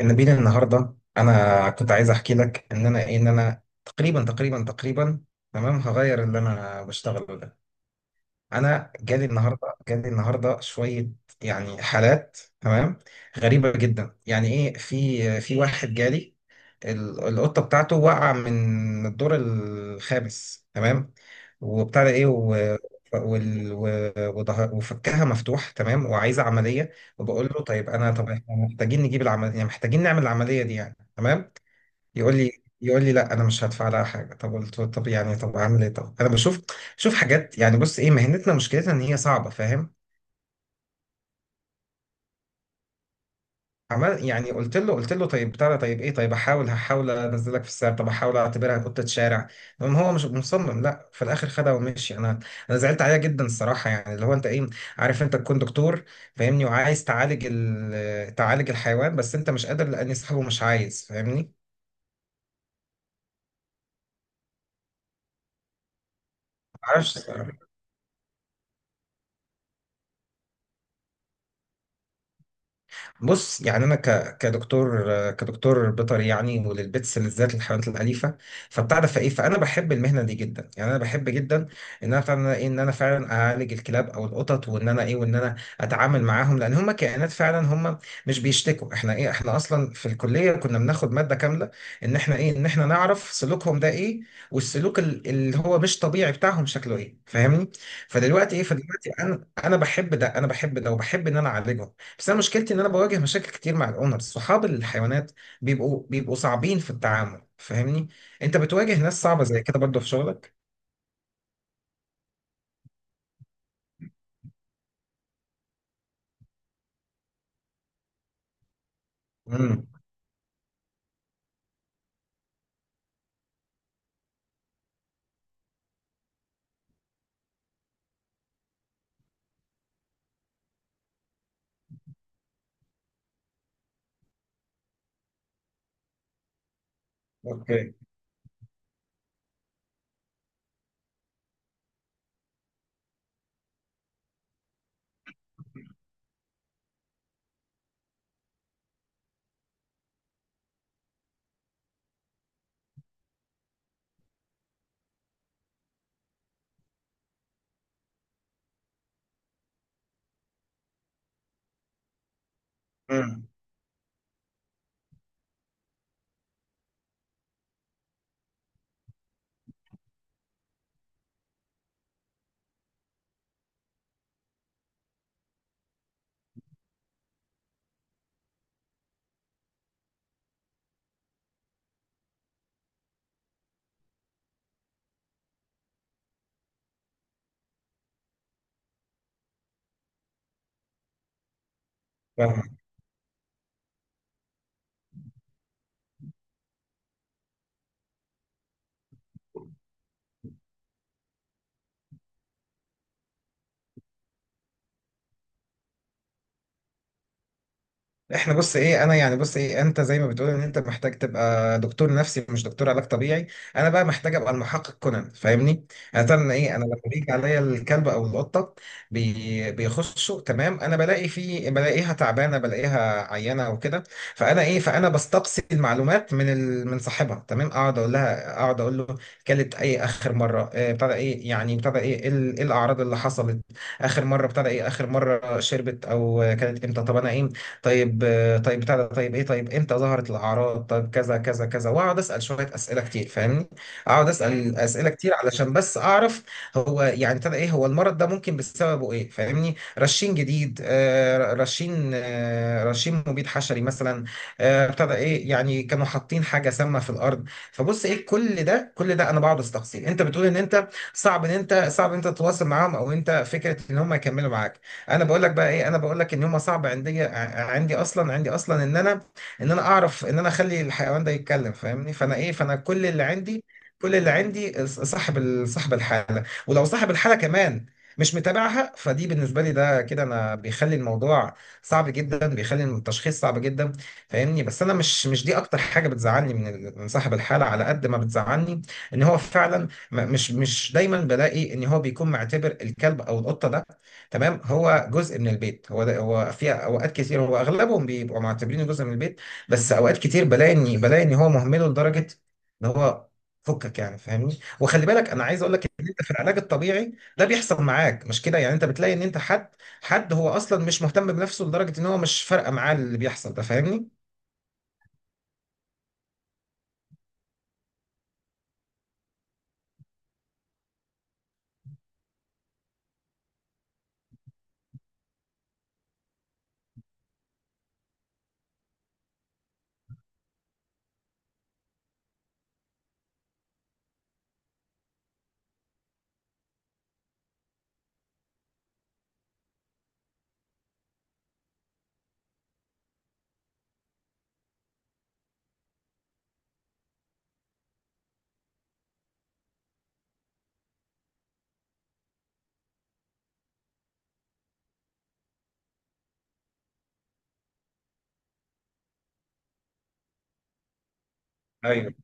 نبيل، النهارده انا كنت عايز احكي لك ان انا تقريبا تمام، هغير اللي انا بشتغله ده. انا جالي النهارده شويه يعني حالات، تمام، غريبه جدا. يعني ايه، في واحد جالي، القطه بتاعته وقع من الدور الخامس، تمام، وبتاع ده ايه و... وال... و... وده... وفكها مفتوح، تمام، وعايزه عمليه. وبقول له طيب، انا طب احنا محتاجين نجيب العمليه، يعني محتاجين نعمل العمليه دي، يعني تمام. يقول لي لا انا مش هدفع لها حاجه. طب قلت له، طب يعني، طب اعمل ايه؟ طب انا بشوف حاجات، يعني بص ايه، مهنتنا مشكلتها ان هي صعبه، فاهم؟ عمل يعني، قلت له طيب بتاع ده، طيب ايه، طيب احاول، هحاول انزلك في السعر، طب احاول اعتبرها قطه شارع. المهم هو مش مصمم، لا، في الاخر خدها ومشي انا. انا زعلت عليها جدا الصراحه، يعني اللي هو انت ايه، عارف، انت تكون دكتور فاهمني وعايز تعالج تعالج الحيوان بس انت مش قادر لان صاحبه مش عايز، فاهمني؟ معرفش الصراحة. بص يعني، انا ك... كدكتور كدكتور بيطري، يعني وللبيتس بالذات، للحيوانات الاليفه. فبتاع ده، فايه، فانا بحب المهنه دي جدا، يعني انا بحب جدا ان انا بتاع ده ايه ان انا فعلا اعالج الكلاب او القطط، وان انا اتعامل معاهم، لان هم كائنات فعلا، هم مش بيشتكوا. احنا اصلا في الكليه كنا بناخد ماده كامله ان احنا نعرف سلوكهم ده ايه، والسلوك اللي هو مش طبيعي بتاعهم شكله ايه، فاهمني؟ فدلوقتي انا بحب ده، وبحب ان انا اعالجهم. بس انا مشكلتي ان انا بواجه مشاكل كتير مع الاونرز، صحاب الحيوانات، بيبقوا صعبين في التعامل، فاهمني؟ انت بتواجه ناس صعبة زي كده برضه في شغلك؟ امم. اوكي. امم. احنا بص ايه، انا يعني، بص ايه، انت زي ما بتقول ان انت محتاج تبقى دكتور نفسي مش دكتور علاج طبيعي، انا بقى محتاج ابقى المحقق كونان، فاهمني؟ انا لما بيجي عليا الكلب او القطه بيخشوا، تمام، انا بلاقيها تعبانه، بلاقيها عيانه او كده. فانا بستقصي المعلومات من صاحبها، تمام، اقعد اقول لها، اقعد اقول له، كلت ايه اخر مره، ابتدى ايه، يعني ابتدى ايه ايه ال- إيه الاعراض اللي حصلت، اخر مره ابتدى ايه، اخر مره شربت او كلت امتى، طب انا ايه، طيب طيب بتاع ده، طيب ايه، طيب امتى ظهرت الاعراض، طيب كذا كذا كذا، واقعد اسال شويه اسئله كتير، فاهمني؟ اقعد اسال اسئله كتير علشان بس اعرف هو يعني ابتدى ايه، هو المرض ده ممكن بسببه ايه، فاهمني، رشين جديد، رشين، رشين مبيد حشري مثلا، ابتدى ايه، يعني كانوا حاطين حاجه سامه في الارض. فبص ايه، كل ده انا بقعد استقصي. انت بتقول ان انت صعب ان انت تتواصل معاهم، او انت فكره ان هم يكملوا معاك. انا بقول لك بقى ايه، انا بقول لك ان هما صعب عندي، عندي اصلا ان انا ان انا اعرف ان انا اخلي الحيوان ده يتكلم، فاهمني؟ فانا كل اللي عندي، كل اللي عندي صاحب الحاله، ولو صاحب الحاله كمان مش متابعها، فدي بالنسبه لي، ده كده انا بيخلي الموضوع صعب جدا، بيخلي التشخيص صعب جدا، فاهمني؟ بس انا مش دي اكتر حاجه بتزعلني من صاحب الحاله، على قد ما بتزعلني ان هو فعلا مش دايما بلاقي ان هو بيكون معتبر الكلب او القطه ده، تمام، هو جزء من البيت. هو ده هو في اوقات كتير هو اغلبهم بيبقوا معتبرينه جزء من البيت، بس اوقات كتير بلاقي ان هو مهمله لدرجه ان هو فكك، يعني فاهمني، وخلي بالك انا عايز اقول لك ان انت في العلاج الطبيعي ده بيحصل معاك، مش كده؟ يعني انت بتلاقي ان انت حد هو اصلا مش مهتم بنفسه، لدرجه ان هو مش فارقه معاه اللي بيحصل ده، فاهمني؟ ايوه.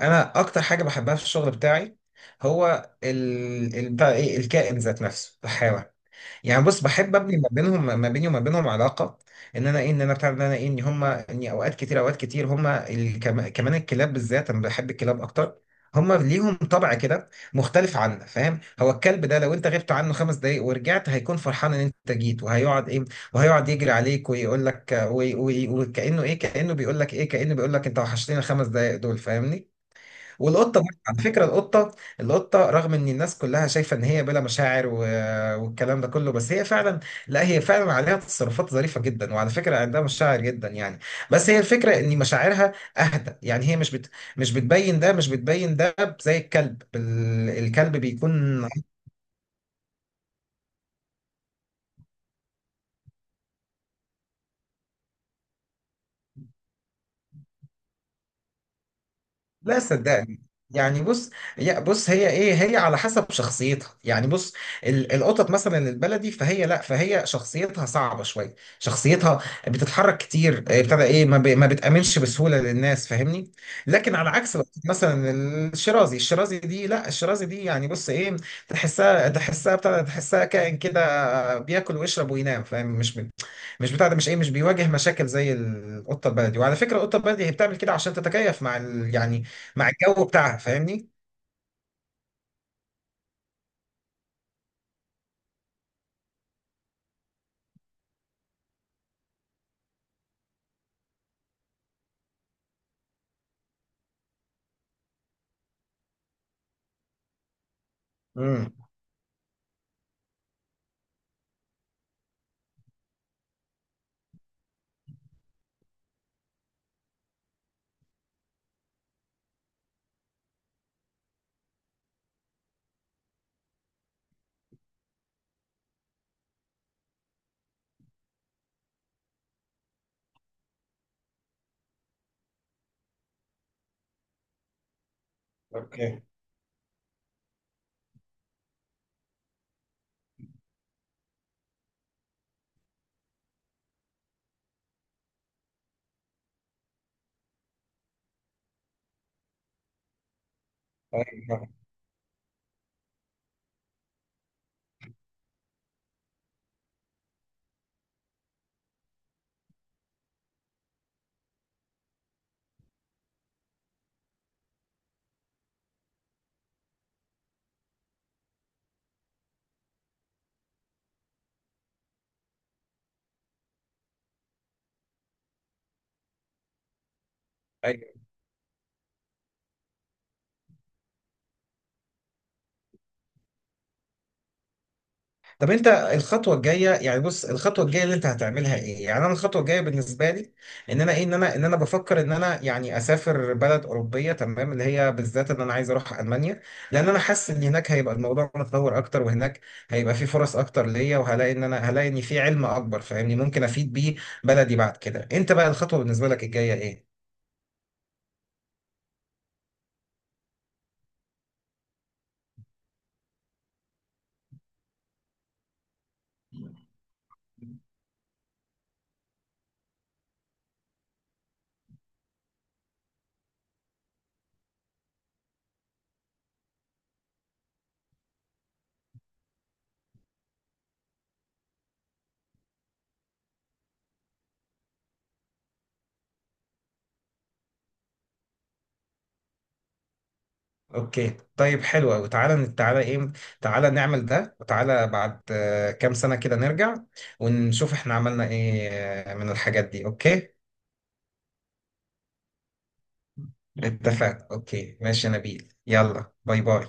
انا اكتر حاجه بحبها في الشغل بتاعي هو بتاع ايه، الكائن ذات نفسه، الحيوان. يعني بص، بحب ابني ما بيني وما بينهم علاقه، ان انا ايه، ان هم اني اوقات كتير، هم كمان الكلاب بالذات، انا بحب الكلاب اكتر، هم ليهم طبع كده مختلف عنا، فاهم؟ هو الكلب ده لو انت غبت عنه 5 دقايق ورجعت هيكون فرحان ان انت جيت، وهيقعد ايه، وهيقعد يجري عليك ويقول لك، وكانه ايه، كانه بيقول لك انت وحشتني ال5 دقايق دول، فاهمني؟ والقطه برضه، على فكره، القطه، رغم ان الناس كلها شايفه ان هي بلا مشاعر والكلام ده كله، بس هي فعلا لا هي فعلا عليها تصرفات ظريفه جدا، وعلى فكره عندها مشاعر جدا يعني، بس هي الفكره ان مشاعرها اهدى، يعني هي مش بتبين ده، زي الكلب بيكون. لا صدقني، يعني بص، يا بص هي ايه، هي على حسب شخصيتها، يعني بص، القطط مثلا البلدي، فهي لا فهي شخصيتها صعبة شوية، شخصيتها بتتحرك كتير، آه، ابتدى ايه ما, ب... ما بتأمنش بسهولة للناس، فاهمني؟ لكن على عكس القطط مثلا، الشرازي الشرازي دي لا الشرازي دي، يعني بص ايه، تحسها كائن كده بياكل ويشرب وينام، فاهم؟ مش ب... مش بتاع ده مش ايه مش بيواجه مشاكل زي القطة البلدي، وعلى فكرة القطة البلدي هي بتعمل كده عشان تتكيف مع ال... يعني مع الجو بتاعها، فاهمني؟ امم. اوكي. ايوه، ايوه. طب انت الخطوه الجايه، يعني بص، الخطوه الجايه اللي انت هتعملها ايه؟ يعني انا الخطوه الجايه بالنسبه لي، ان انا بفكر ان انا يعني اسافر بلد اوروبيه، تمام، اللي هي بالذات ان انا عايز اروح المانيا، لان انا حاسس ان هناك هيبقى الموضوع متطور اكتر، وهناك هيبقى في فرص اكتر ليا، وهلاقي ان انا هلاقي ان في علم اكبر، فاهمني، ممكن افيد بيه بلدي بعد كده. انت بقى الخطوه بالنسبه لك الجايه ايه؟ اوكي، طيب حلو قوي، تعالى، تعالى ايه تعالى نعمل ده، وتعالى بعد كام سنة كده نرجع ونشوف احنا عملنا ايه من الحاجات دي، اوكي. مهم. اتفقنا، اوكي، ماشي يا نبيل، يلا باي باي.